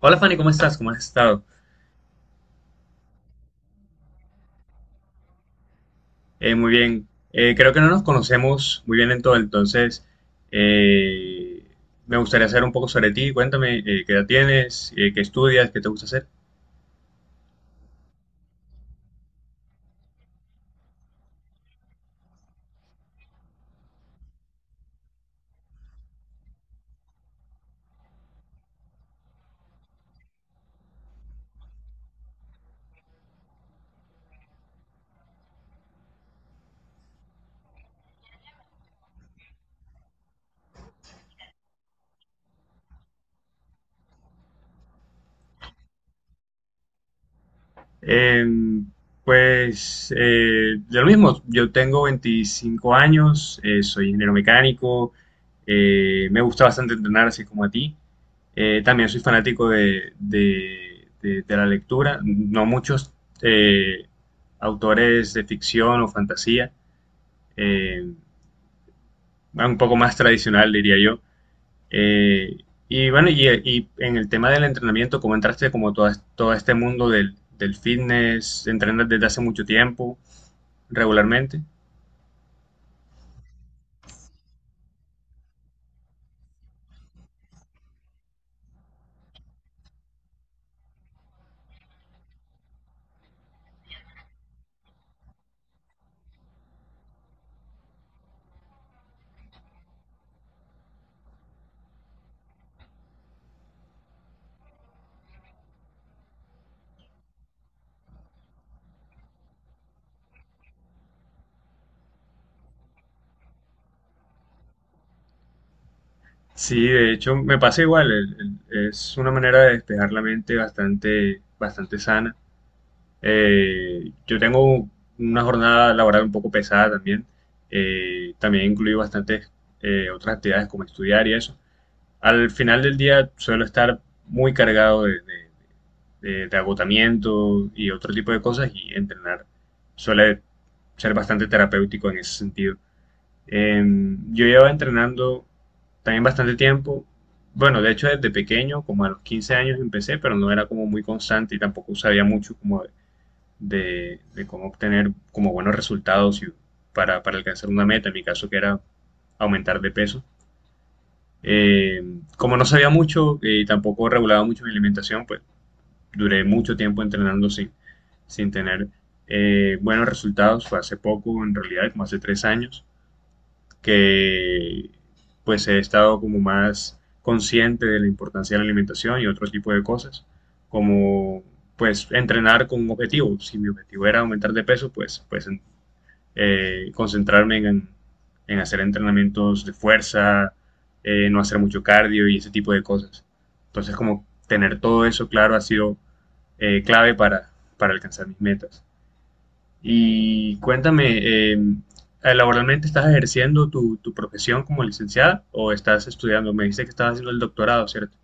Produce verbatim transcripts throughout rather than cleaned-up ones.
Hola Fanny, ¿cómo estás? ¿Cómo has estado? Eh, muy bien. Eh, creo que no nos conocemos muy bien en todo, entonces eh, me gustaría saber un poco sobre ti. Cuéntame, eh, ¿qué edad tienes? Eh, ¿qué estudias? ¿Qué te gusta hacer? Em, pues eh, de lo mismo, yo tengo veinticinco años, eh, soy ingeniero mecánico, eh, me gusta bastante entrenar así como a ti. Eh, también soy fanático de, de- de- de la lectura, no muchos eh, autores de ficción o fantasía, eh, un poco más tradicional diría yo. Eh, y bueno, y, y en el tema del entrenamiento, ¿cómo entraste como todo, todo este mundo del, del fitness? ¿Entrenas desde hace mucho tiempo, regularmente? Sí, de hecho me pasa igual, el- el- es una manera de despejar la mente bastante, bastante sana. Eh, yo tengo una jornada laboral un poco pesada también, eh, también incluye bastantes eh, otras actividades como estudiar y eso. Al final del día suelo estar muy cargado de, de- de- de agotamiento y otro tipo de cosas, y entrenar suele ser bastante terapéutico en ese sentido. Em, yo llevaba entrenando también bastante tiempo. Bueno, de hecho desde pequeño, como a los quince años empecé, pero no era como muy constante y tampoco sabía mucho como de, de- de cómo obtener como buenos resultados y para, para alcanzar una meta, en mi caso que era aumentar de peso. Eh, Como no sabía mucho eh, y tampoco regulaba mucho mi alimentación, pues duré mucho tiempo entrenando sin, sin tener eh, buenos resultados. Fue hace poco, en realidad, como hace tres años, que pues he estado como más consciente de la importancia de la alimentación y otro tipo de cosas, como pues entrenar con un objetivo. Si mi objetivo era aumentar de peso, pues, pues eh, concentrarme en, en, hacer entrenamientos de fuerza, eh, no hacer mucho cardio y ese tipo de cosas. Entonces, como tener todo eso claro ha sido eh, clave para, para alcanzar mis metas. Y cuéntame, em, eh, ¿laboralmente estás ejerciendo tu, tu profesión como licenciada o estás estudiando? Me dice que estás haciendo el doctorado, ¿cierto?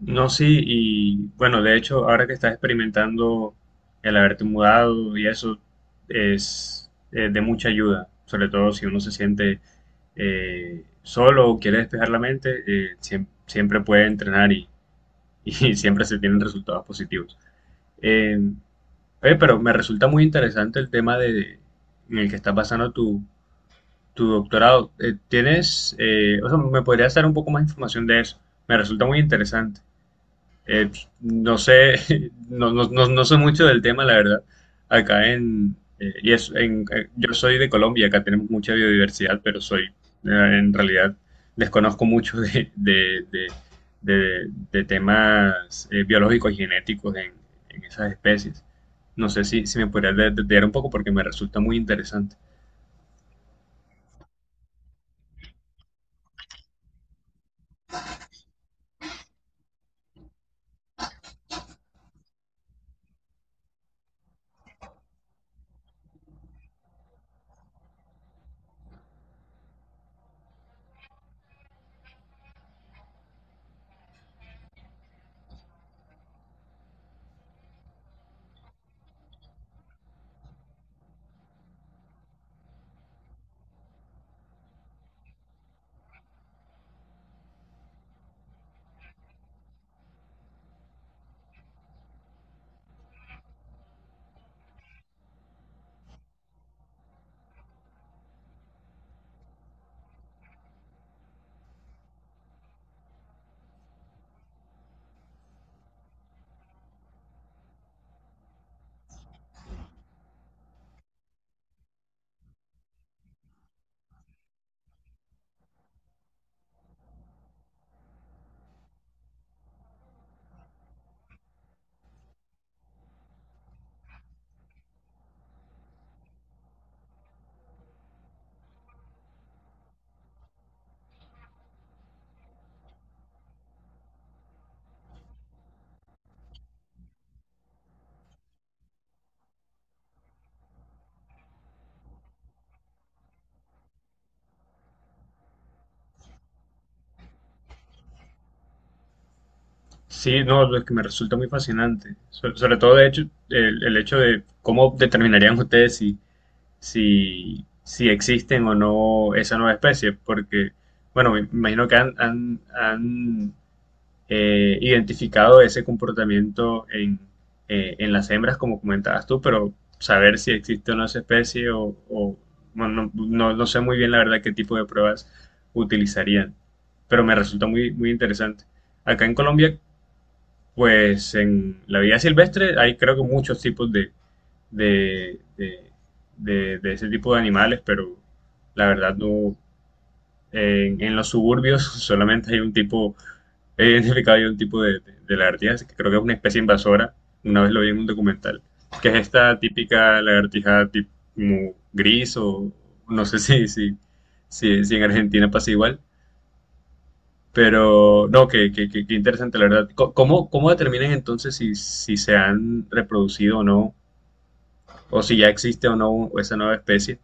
No, sí, y bueno, de hecho, ahora que estás experimentando el haberte mudado y eso es eh, de mucha ayuda, sobre todo si uno se siente eh, solo o quiere despejar la mente, eh, siem- siempre puede entrenar y, y siempre se tienen resultados positivos. Eh, Oye, pero me resulta muy interesante el tema de, en el que está pasando tu, tu doctorado. Eh, ¿tienes, eh, o sea, me podrías dar un poco más de información de eso? Me resulta muy interesante. Eh, no sé, no, no, no, no sé mucho del tema, la verdad. Acá en, eh, y es- en- eh, yo soy de Colombia, acá tenemos mucha biodiversidad, pero soy, eh, en realidad, desconozco mucho de, de, de, de- de temas eh, biológicos y genéticos en, en esas especies. No sé si, si me podrías de- detallar un poco porque me resulta muy interesante. Sí, no, lo que me resulta muy fascinante. So- sobre todo, de hecho, el, el hecho de cómo determinarían ustedes si si, si existen o no esa nueva especie, porque, bueno, me imagino que han, han- han, eh, identificado ese comportamiento en, eh, en las hembras, como comentabas tú, pero saber si existe o no esa especie, o, o, bueno, no, no- no sé muy bien la verdad qué tipo de pruebas utilizarían, pero me resulta muy, muy interesante. Acá en Colombia, pues en la vida silvestre hay creo que muchos tipos de, de, de, de, de ese tipo de animales, pero la verdad no. En, en los suburbios solamente hay un tipo, he identificado yo un tipo de, de, de lagartijas que creo que es una especie invasora, una vez lo vi en un documental, que es esta típica lagartija tipo gris o no sé si, si, si, si en Argentina pasa igual, pero no, que, que, que- que interesante, la verdad. Co- ¿Cómo, cómo determinan entonces si, si se han reproducido o no, o si ya existe o no esa nueva especie?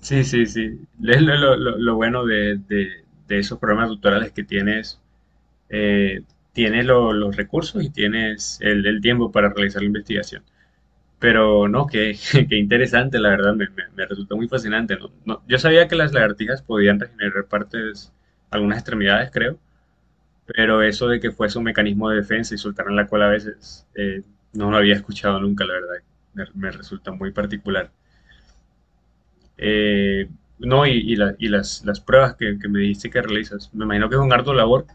Sí, sí, sí. Es lo, lo- lo- lo bueno de, de- de esos programas tutoriales que tienes, eh, tienes lo- los recursos y tienes el, el tiempo para realizar la investigación. Pero no, qué, qué interesante, la verdad, me, me- me resultó muy fascinante. No- no- yo sabía que las lagartijas podían regenerar partes, algunas extremidades, creo, pero eso de que fuese un mecanismo de defensa y soltaran la cola a veces, eh, no lo había escuchado nunca, la verdad. me me resulta muy particular. Eh, no, y, y, la- y las, las pruebas que, que me dijiste que realizas. Me imagino que es un harto labor.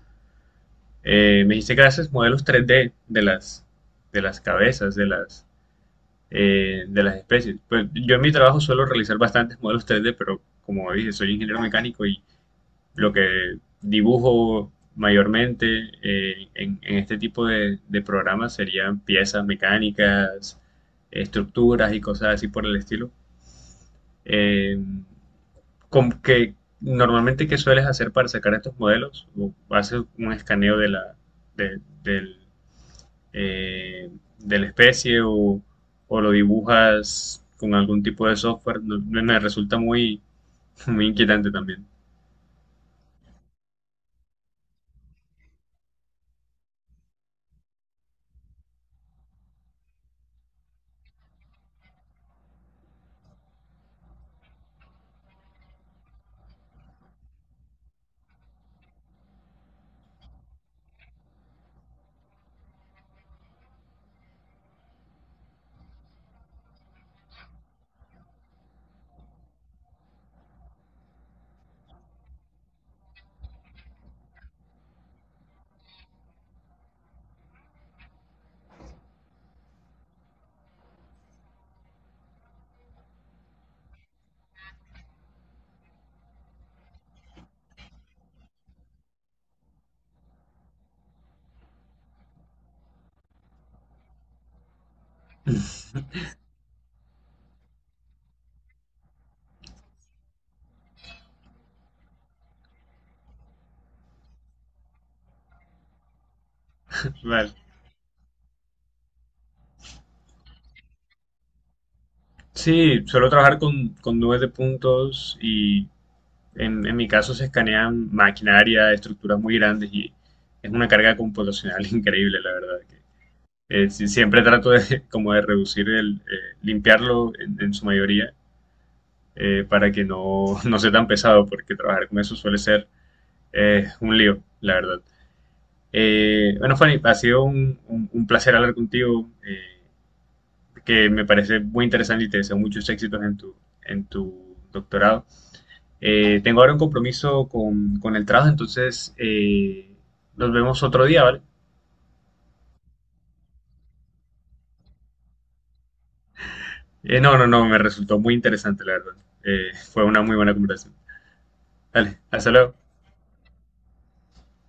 Eh, me dijiste que haces modelos tres D de las, de las cabezas, de las, eh, de las especies. Pues yo en mi trabajo suelo realizar bastantes modelos tres D, pero como dije, soy ingeniero mecánico y lo que dibujo mayormente eh, en, en este tipo de, de programas serían piezas mecánicas, estructuras y cosas así por el estilo. Eh, Como que normalmente, ¿qué sueles hacer para sacar estos modelos? ¿O haces un escaneo de la, de, del, eh, de la especie o, o lo dibujas con algún tipo de software? No- no- me resulta muy, muy inquietante también. Vale. Sí, suelo trabajar con, con nubes de puntos y en, en mi caso se escanean maquinaria, estructuras muy grandes y es una carga computacional increíble, la verdad. Eh, sí, siempre trato de, como de reducir el, eh, limpiarlo en, en, su mayoría eh, para que no, no sea tan pesado, porque trabajar con eso suele ser eh, un lío, la verdad. Eh, bueno, Fanny, ha sido un, un, un placer hablar contigo, eh, que me parece muy interesante y te deseo muchos éxitos en tu, en tu doctorado. Eh, tengo ahora un compromiso con, con el trabajo, entonces eh, nos vemos otro día, ¿vale? Eh, no, no, no, Me resultó muy interesante, la verdad. Eh, fue una muy buena conversación. Dale, hasta luego.